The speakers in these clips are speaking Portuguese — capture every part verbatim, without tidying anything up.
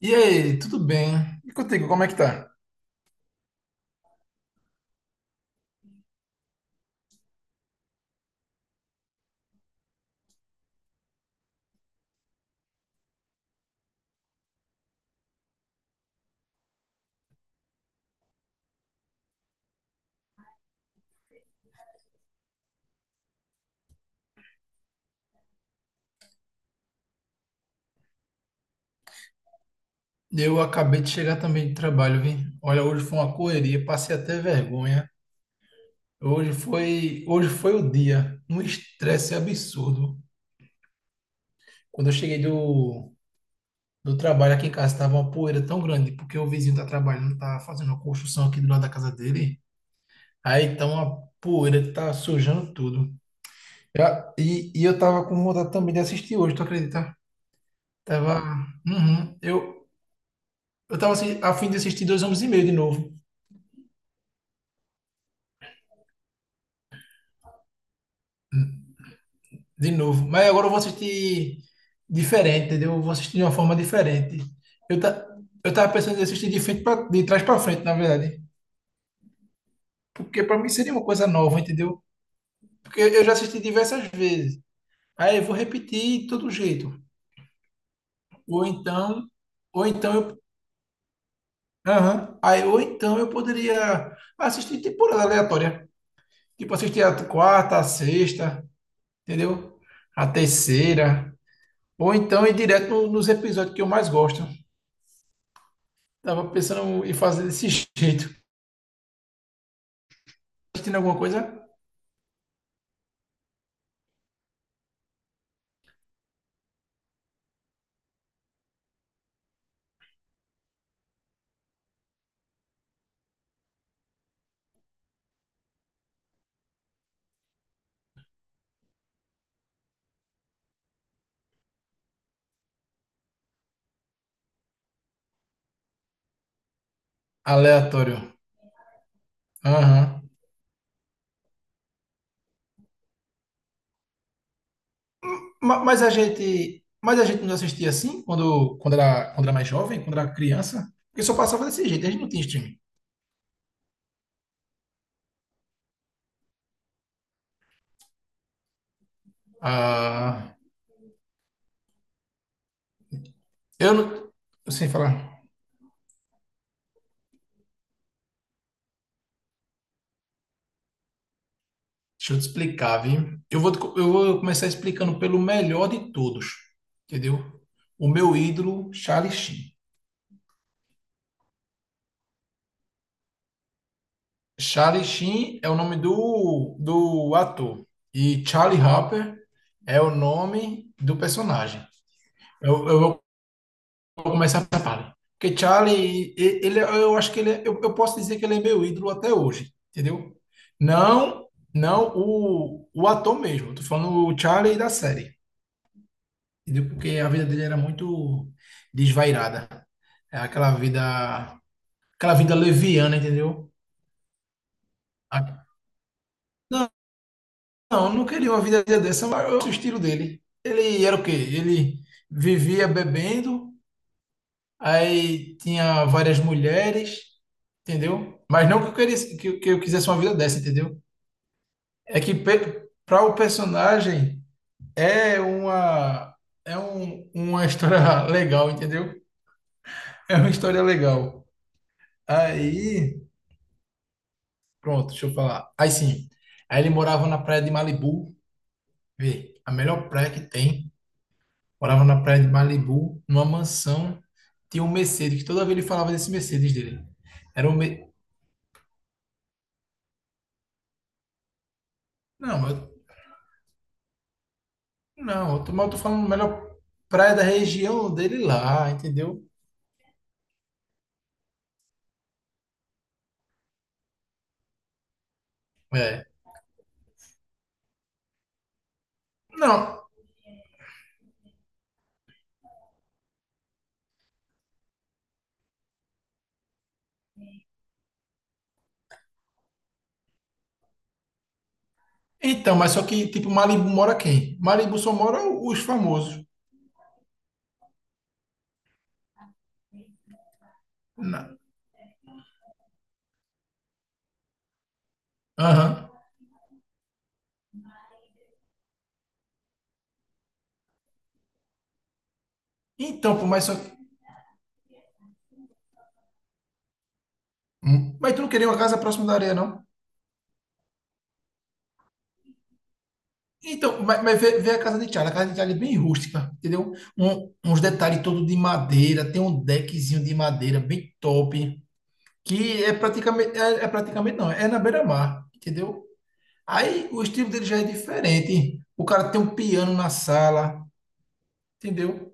E aí, tudo bem? E contigo, como é que tá? Eu acabei de chegar também de trabalho, vi. Olha, hoje foi uma correria, passei até vergonha. Hoje foi, hoje foi o dia, um estresse absurdo. Quando eu cheguei do, Do trabalho aqui em casa tava uma poeira tão grande, porque o vizinho tá trabalhando, tá fazendo uma construção aqui do lado da casa dele. Aí tá uma poeira que tá sujando tudo. Já- E, e eu tava com vontade também de assistir hoje, tu acredita? Tava. Uhum. Eu, eu tava assi- a fim de assistir Dois Homens e Meio de novo. De novo. Mas agora eu vou assistir diferente, entendeu? Eu vou assistir de uma forma diferente. Eu, ta, eu tava pensando em assistir de frente pra, de trás pra frente, na verdade. Porque pra mim seria uma coisa nova, entendeu? Porque eu já assisti diversas vezes. Aí eu vou repetir de todo jeito. Ou então, ou então eu, Aham. Aí, ou então eu poderia assistir temporada aleatória. Tipo, assistir a quarta, a sexta, entendeu? A terceira. Ou então ir direto no- nos episódios que eu mais gosto. Tava pensando em fazer desse jeito. Assistindo alguma coisa aleatório. Aham. Ma- Mas a gente, mas a gente não assistia assim quando, quando era, quando era mais jovem, quando era criança. Porque só passava desse jeito, a gente não tinha streaming. Ah. Eu não. eu Sem falar. Deixa eu te explicar, viu? Eu vou, te co- eu vou começar explicando pelo melhor de todos, entendeu? O meu ídolo, Charlie Sheen. Charlie Sheen é o nome do, do ator. E Charlie Harper é o nome do personagem. Eu, eu vou começar por Charlie. Porque Charlie, e- ele, eu acho que ele é, eu, eu posso dizer que ele é meu ídolo até hoje, entendeu? Não, não o, o ator mesmo. Tô falando o Charlie da série. Entendeu? Porque a vida dele era muito desvairada. É aquela vida, aquela vida, leviana, entendeu? A- Não, não, eu não queria uma vida dessa, mas eu- o estilo dele. Ele era o quê? Ele vivia bebendo, aí tinha várias mulheres, entendeu? Mas não que eu queria, que, eu- que eu quisesse uma vida dessa, entendeu? É que para o personagem é uma é um, uma história legal, entendeu? É uma história legal. Aí Pronto, deixa eu falar. Aí sim. Aí ele morava na praia de Malibu, vê, a melhor praia que tem. Morava na praia de Malibu, numa mansão. Tinha um Mercedes, que toda vez ele falava desse Mercedes dele. Era um. Me... Não, eu... não, eu tô, mas eu tô falando a melhor praia da região dele lá, entendeu? É. Não, então, mas só que, tipo, Malibu mora quem? Malibu só mora os famosos. Na- Aham. Então, pô, mas só que. Hum. Mas tu não queria uma casa próxima da areia, não? Então, mas, mas vê, vê, a casa de Thiago. A casa de Thiago é bem rústica, entendeu? Um- uns detalhes todo de madeira, tem um deckzinho de madeira bem top, que é praticamente, é, é praticamente não, é na beira-mar, entendeu? Aí o estilo dele já é diferente. O cara tem um piano na sala, entendeu?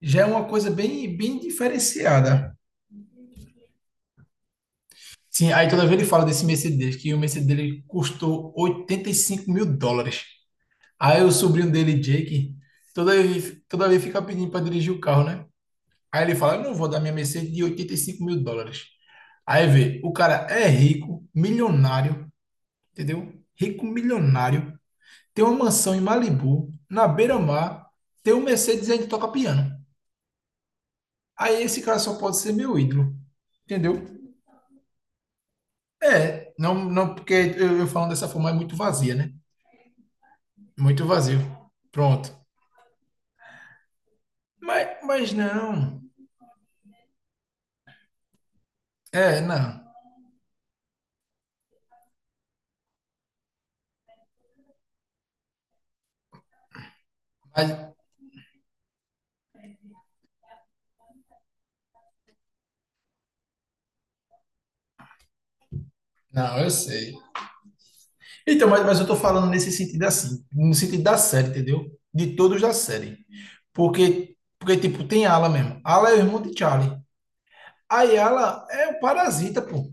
Já é uma coisa bem, bem diferenciada. Sim, aí toda vez ele fala desse Mercedes, que o Mercedes dele custou oitenta e cinco mil dólares. Aí o sobrinho dele, Jake, toda vez, toda vez fica pedindo para dirigir o carro, né? Aí ele fala, eu não vou dar minha Mercedes de oitenta e cinco mil dólares. Aí vê, o cara é rico, milionário, entendeu? Rico, milionário, tem uma mansão em Malibu, na beira-mar, tem um Mercedes e ainda toca piano. Aí esse cara só pode ser meu ídolo, entendeu? É, não, não porque eu, eu falando dessa forma é muito vazia, né? Muito vazio. Pronto. Mas, mas não. É, não. Mas, não, eu sei. Então, mas, mas eu tô falando nesse sentido assim, no sentido da série, entendeu? De todos da série. Porque, porque tipo, tem Ala mesmo. Ala é o irmão de Charlie. Aí Ala é o parasita, pô.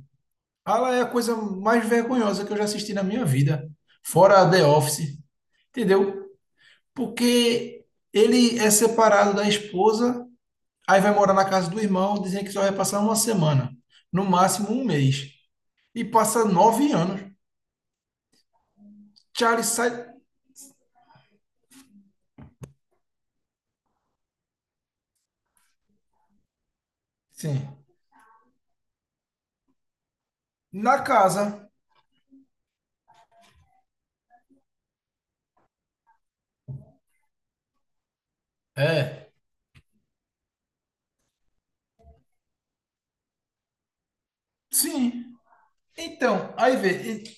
Ala é a coisa mais vergonhosa que eu já assisti na minha vida. Fora The Office, entendeu? Porque ele é separado da esposa, aí vai morar na casa do irmão, dizendo que só vai passar uma semana. No máximo um mês. E passa nove anos. Charlie sai, sim, na casa. É, Sim. Então, aí vê. ele-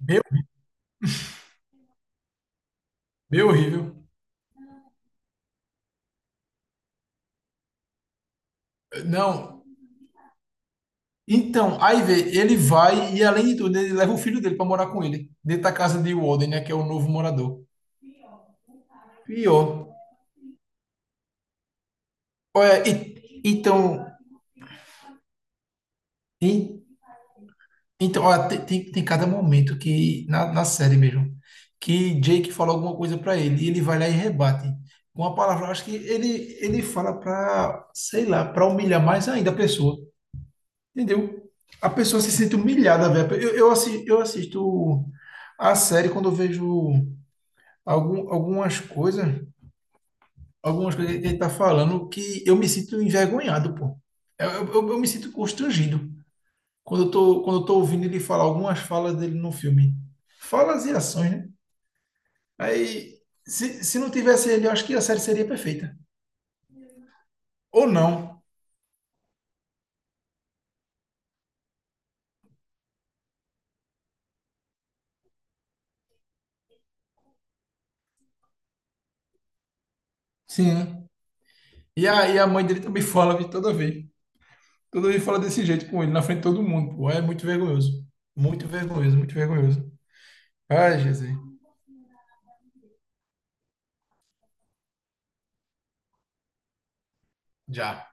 Meu, meu horrível. Não. Então, aí vê, ele vai e além de tudo, ele leva o filho dele pra morar com ele, dentro da casa de Walden, né, que é o novo morador. Pior. Olha, e- então, e- então, olha, tem, tem, tem cada momento que na, na série mesmo que Jake fala alguma coisa pra ele e ele vai lá e rebate com uma palavra. Acho que ele ele fala pra, sei lá, pra humilhar mais ainda a pessoa. Entendeu? A pessoa se sente humilhada, velho. Eu, eu, assi- eu assisto a série quando eu vejo algum, algumas coisas, algumas coisas que ele tá falando que eu me sinto envergonhado, pô. É, Eu, eu, eu me sinto constrangido quando eu tô, quando eu tô ouvindo ele falar algumas falas dele no filme. Falas e ações, né? Aí, se, se não tivesse ele, eu acho que a série seria perfeita. Ou não. Sim. Né? E a, e a mãe dele também fala de toda vez. Toda vez fala desse jeito com ele, na frente de todo mundo, pô. É muito vergonhoso. Muito vergonhoso, muito vergonhoso. Ai, Jesus. Já.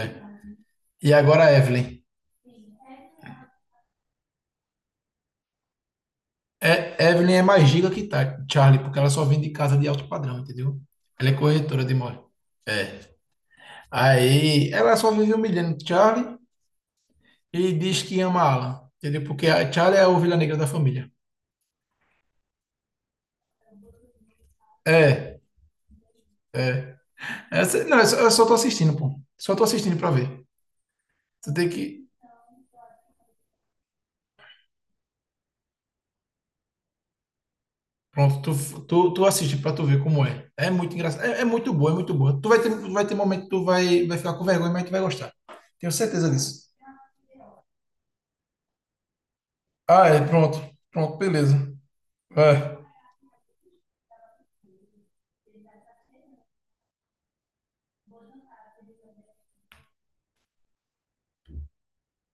É. E agora a Evelyn. É, Evelyn é mais giga que tá, Charlie, porque ela só vem de casa de alto padrão, entendeu? Ela é corretora de imóvel. É. Aí ela só vive humilhando Charlie e diz que ama Alan, entendeu? Porque a Charlie é a ovelha negra da família. É, é. Essa- não, eu só, eu só tô assistindo, pô. Só tô assistindo pra ver. Você tem que. Pronto, tu, tu, tu assiste pra tu ver como é. É muito engraçado. É, é muito boa, é muito boa. Tu vai ter, tu vai ter momento que tu vai, vai ficar com vergonha, mas tu vai gostar. Tenho certeza disso. Ah, é, pronto. Pronto, beleza. Vai.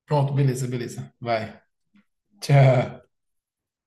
Pronto, beleza, beleza. Vai. Tchau.